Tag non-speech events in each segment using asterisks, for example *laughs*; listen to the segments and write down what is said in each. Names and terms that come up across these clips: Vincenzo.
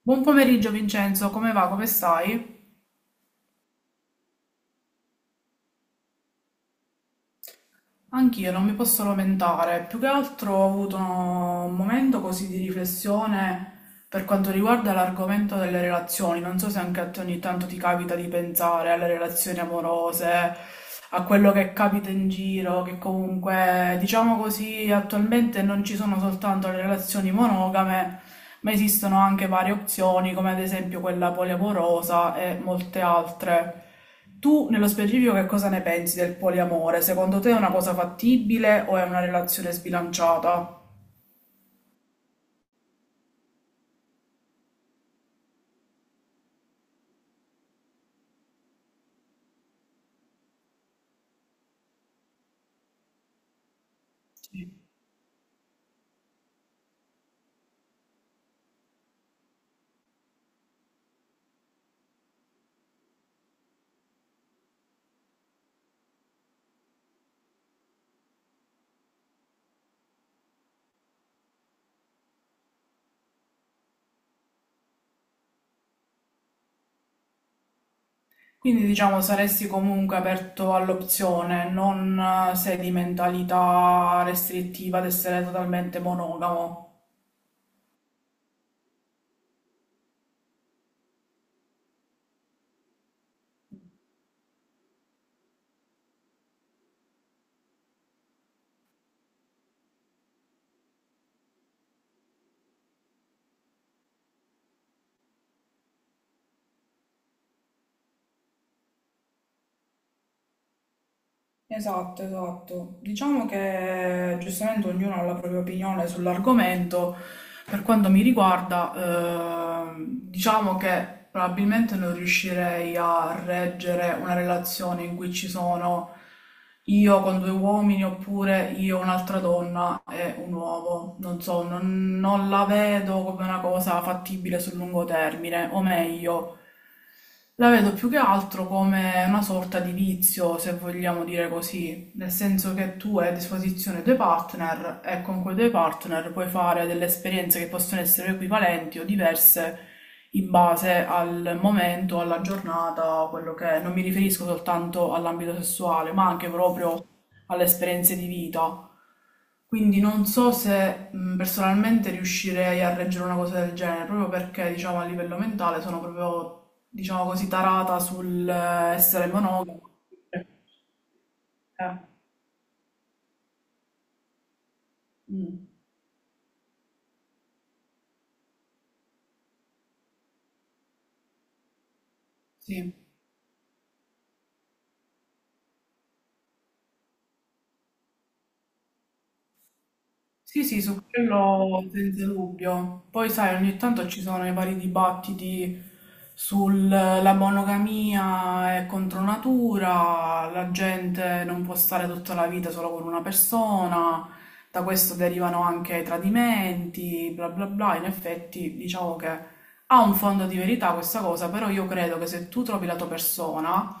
Buon pomeriggio Vincenzo, come va? Come stai? Anch'io non mi posso lamentare, più che altro ho avuto un momento così di riflessione. Per quanto riguarda l'argomento delle relazioni, non so se anche a te ogni tanto ti capita di pensare alle relazioni amorose, a quello che capita in giro, che comunque, diciamo così, attualmente non ci sono soltanto le relazioni monogame, ma esistono anche varie opzioni, come ad esempio quella poliamorosa e molte altre. Tu, nello specifico, che cosa ne pensi del poliamore? Secondo te è una cosa fattibile o è una relazione sbilanciata? Sì. Quindi diciamo saresti comunque aperto all'opzione, non sei di mentalità restrittiva ad essere totalmente monogamo. Esatto, esatto. Diciamo che giustamente ognuno ha la propria opinione sull'argomento. Per quanto mi riguarda, diciamo che probabilmente non riuscirei a reggere una relazione in cui ci sono io con due uomini oppure io un'altra donna e un uomo. Non so, non la vedo come una cosa fattibile sul lungo termine, o meglio. La vedo più che altro come una sorta di vizio, se vogliamo dire così, nel senso che tu hai a disposizione due partner e con quei due partner puoi fare delle esperienze che possono essere equivalenti o diverse in base al momento, alla giornata, quello che è. Non mi riferisco soltanto all'ambito sessuale, ma anche proprio alle esperienze di vita. Quindi non so se personalmente riuscirei a reggere una cosa del genere, proprio perché, diciamo, a livello mentale sono proprio diciamo così, tarata sull'essere monogama. Eh, mm, sì. Sì, sì, su quello senza dubbio. Poi sai, ogni tanto ci sono i vari dibattiti sulla monogamia è contro natura, la gente non può stare tutta la vita solo con una persona, da questo derivano anche i tradimenti, bla bla bla. In effetti, diciamo che ha un fondo di verità questa cosa, però io credo che se tu trovi la tua persona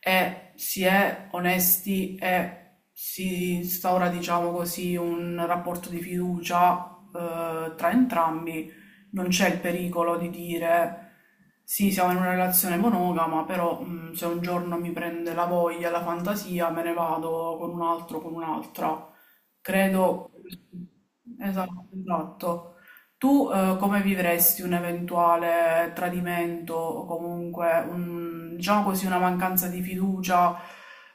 e si è onesti e si instaura, diciamo così, un rapporto di fiducia tra entrambi, non c'è il pericolo di dire sì, siamo in una relazione monogama, però se un giorno mi prende la voglia, la fantasia, me ne vado con un altro, con un'altra. Credo, esatto, esatto. Tu come vivresti un eventuale tradimento o comunque un, diciamo così, una mancanza di fiducia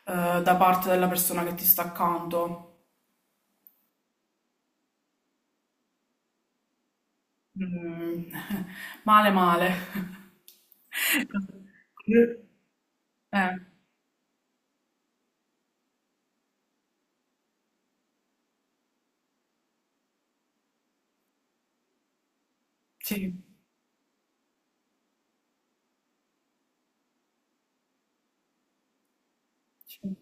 da parte della persona che ti sta accanto? Mm, *laughs* male, male. Eh, sì, sì,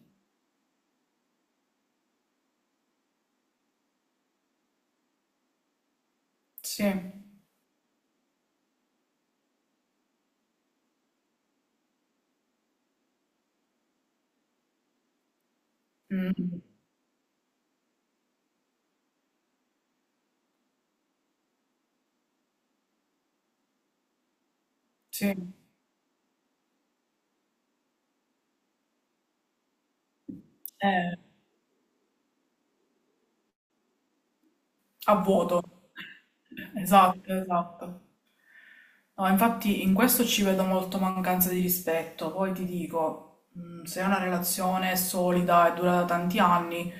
sì, mm, sì. Eh, a vuoto. *laughs* Esatto, esatto. No, infatti in questo ci vedo molto mancanza di rispetto. Poi ti dico, se è una relazione solida e dura da tanti anni,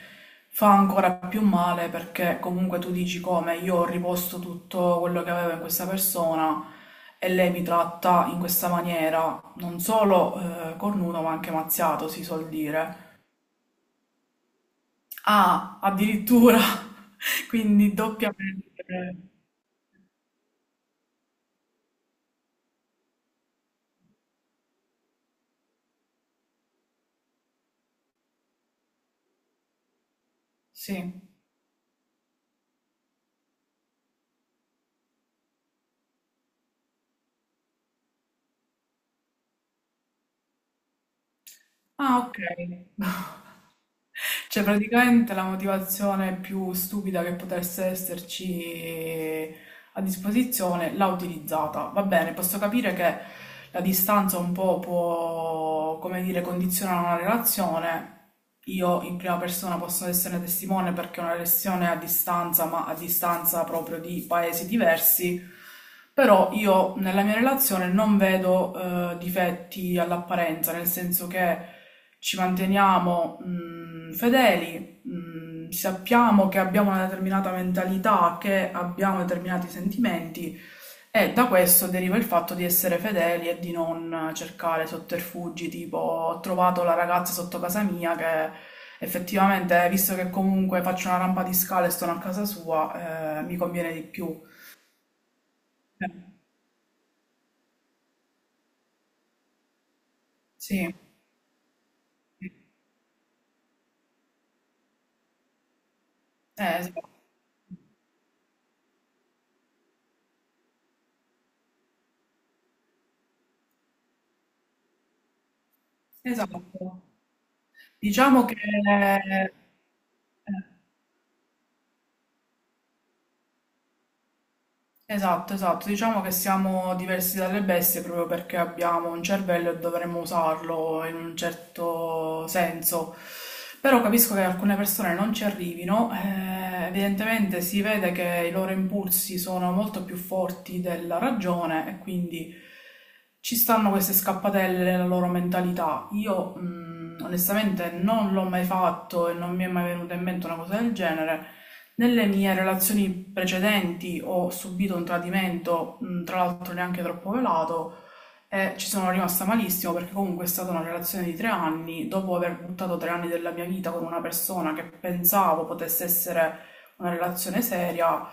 fa ancora più male perché comunque tu dici come io ho riposto tutto quello che avevo in questa persona e lei mi tratta in questa maniera, non solo cornuto ma anche mazziato, si suol dire. Ah, addirittura, *laughs* quindi doppiamente. Sì. Ah, ok. *laughs* Cioè, praticamente la motivazione più stupida che potesse esserci a disposizione l'ha utilizzata. Va bene, posso capire che la distanza un po' può, come dire, condizionare una relazione, io in prima persona posso essere testimone perché è una lezione a distanza, ma a distanza proprio di paesi diversi, però io nella mia relazione non vedo difetti all'apparenza, nel senso che ci manteniamo fedeli, sappiamo che abbiamo una determinata mentalità, che abbiamo determinati sentimenti e da questo deriva il fatto di essere fedeli e di non cercare sotterfugi, tipo ho trovato la ragazza sotto casa mia che effettivamente, visto che comunque faccio una rampa di scale e sono a casa sua, mi conviene di più. Eh, sì, esatto. Esatto. Diciamo che eh, esatto, esatto. Diciamo che siamo diversi dalle bestie proprio perché abbiamo un cervello e dovremmo usarlo in un certo senso. Però capisco che alcune persone non ci arrivino. Evidentemente si vede che i loro impulsi sono molto più forti della ragione e quindi ci stanno queste scappatelle nella loro mentalità. Io, onestamente non l'ho mai fatto e non mi è mai venuta in mente una cosa del genere. Nelle mie relazioni precedenti ho subito un tradimento, tra l'altro neanche troppo velato, e ci sono rimasta malissimo perché comunque è stata una relazione di 3 anni, dopo aver buttato 3 anni della mia vita con una persona che pensavo potesse essere una relazione seria.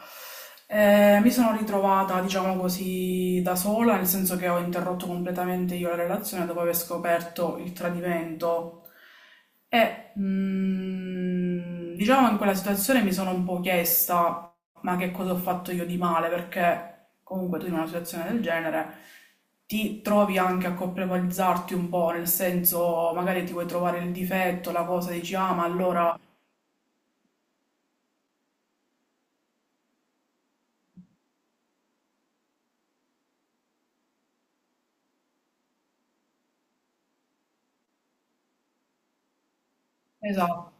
Mi sono ritrovata, diciamo così, da sola, nel senso che ho interrotto completamente io la relazione dopo aver scoperto il tradimento e, diciamo, in quella situazione mi sono un po' chiesta: ma che cosa ho fatto io di male? Perché comunque tu in una situazione del genere ti trovi anche a colpevolizzarti un po', nel senso magari ti vuoi trovare il difetto, la cosa, dici: ah, ma allora... Esatto,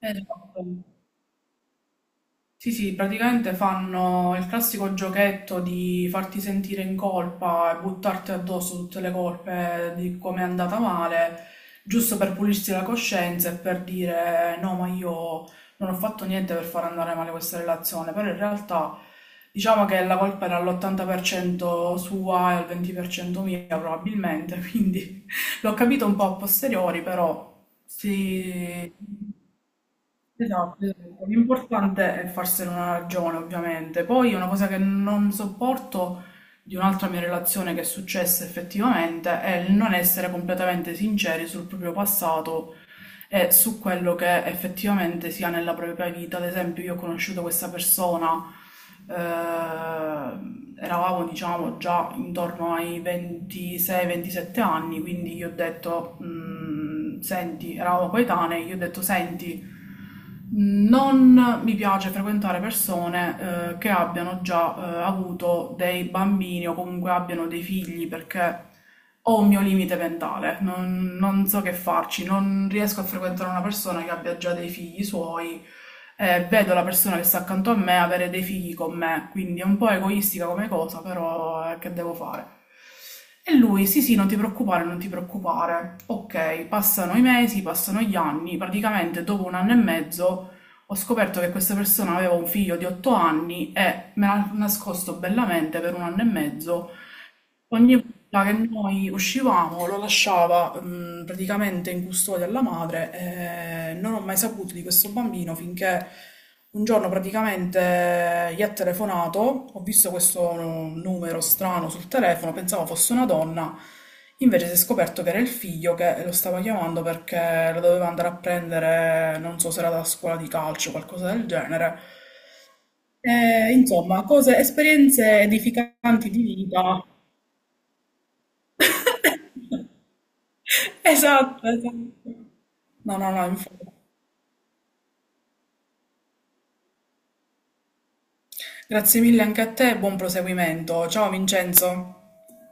esatto. Sì, sì, praticamente fanno il classico giochetto di farti sentire in colpa e buttarti addosso tutte le colpe di come è andata male, giusto per pulirsi la coscienza e per dire: no, ma io non ho fatto niente per far andare male questa relazione, però in realtà diciamo che la colpa era all'80% sua e al 20% mia probabilmente, *laughs* quindi l'ho capito un po' a posteriori, però sì. Esatto, esatto. L'importante è farsene una ragione, ovviamente. Poi una cosa che non sopporto di un'altra mia relazione che è successa effettivamente è il non essere completamente sinceri sul proprio passato e su quello che effettivamente si ha nella propria vita. Ad esempio, io ho conosciuto questa persona, eravamo diciamo già intorno ai 26-27 anni, quindi gli ho detto, Senti", eravamo coetanei, gli ho detto, "Senti, non mi piace frequentare persone che abbiano già avuto dei bambini o comunque abbiano dei figli, perché ho un mio limite mentale, non so che farci, non riesco a frequentare una persona che abbia già dei figli suoi, vedo la persona che sta accanto a me avere dei figli con me, quindi è un po' egoistica come cosa, però che devo fare?" E lui: "Sì, sì, non ti preoccupare, non ti preoccupare." Ok, passano i mesi, passano gli anni, praticamente dopo un anno e mezzo ho scoperto che questa persona aveva un figlio di 8 anni e me l'ha nascosto bellamente per un anno e mezzo. Ogni volta che noi uscivamo lo lasciava, praticamente, in custodia alla madre, e non ho mai saputo di questo bambino finché un giorno praticamente gli ha telefonato, ho visto questo numero strano sul telefono, pensavo fosse una donna, invece si è scoperto che era il figlio che lo stava chiamando perché lo doveva andare a prendere, non so se era da scuola di calcio o qualcosa del genere. Insomma, cose, esperienze edificanti di vita. *laughs* Esatto, esatto. No, no, no, infatti. Grazie mille anche a te e buon proseguimento. Ciao Vincenzo.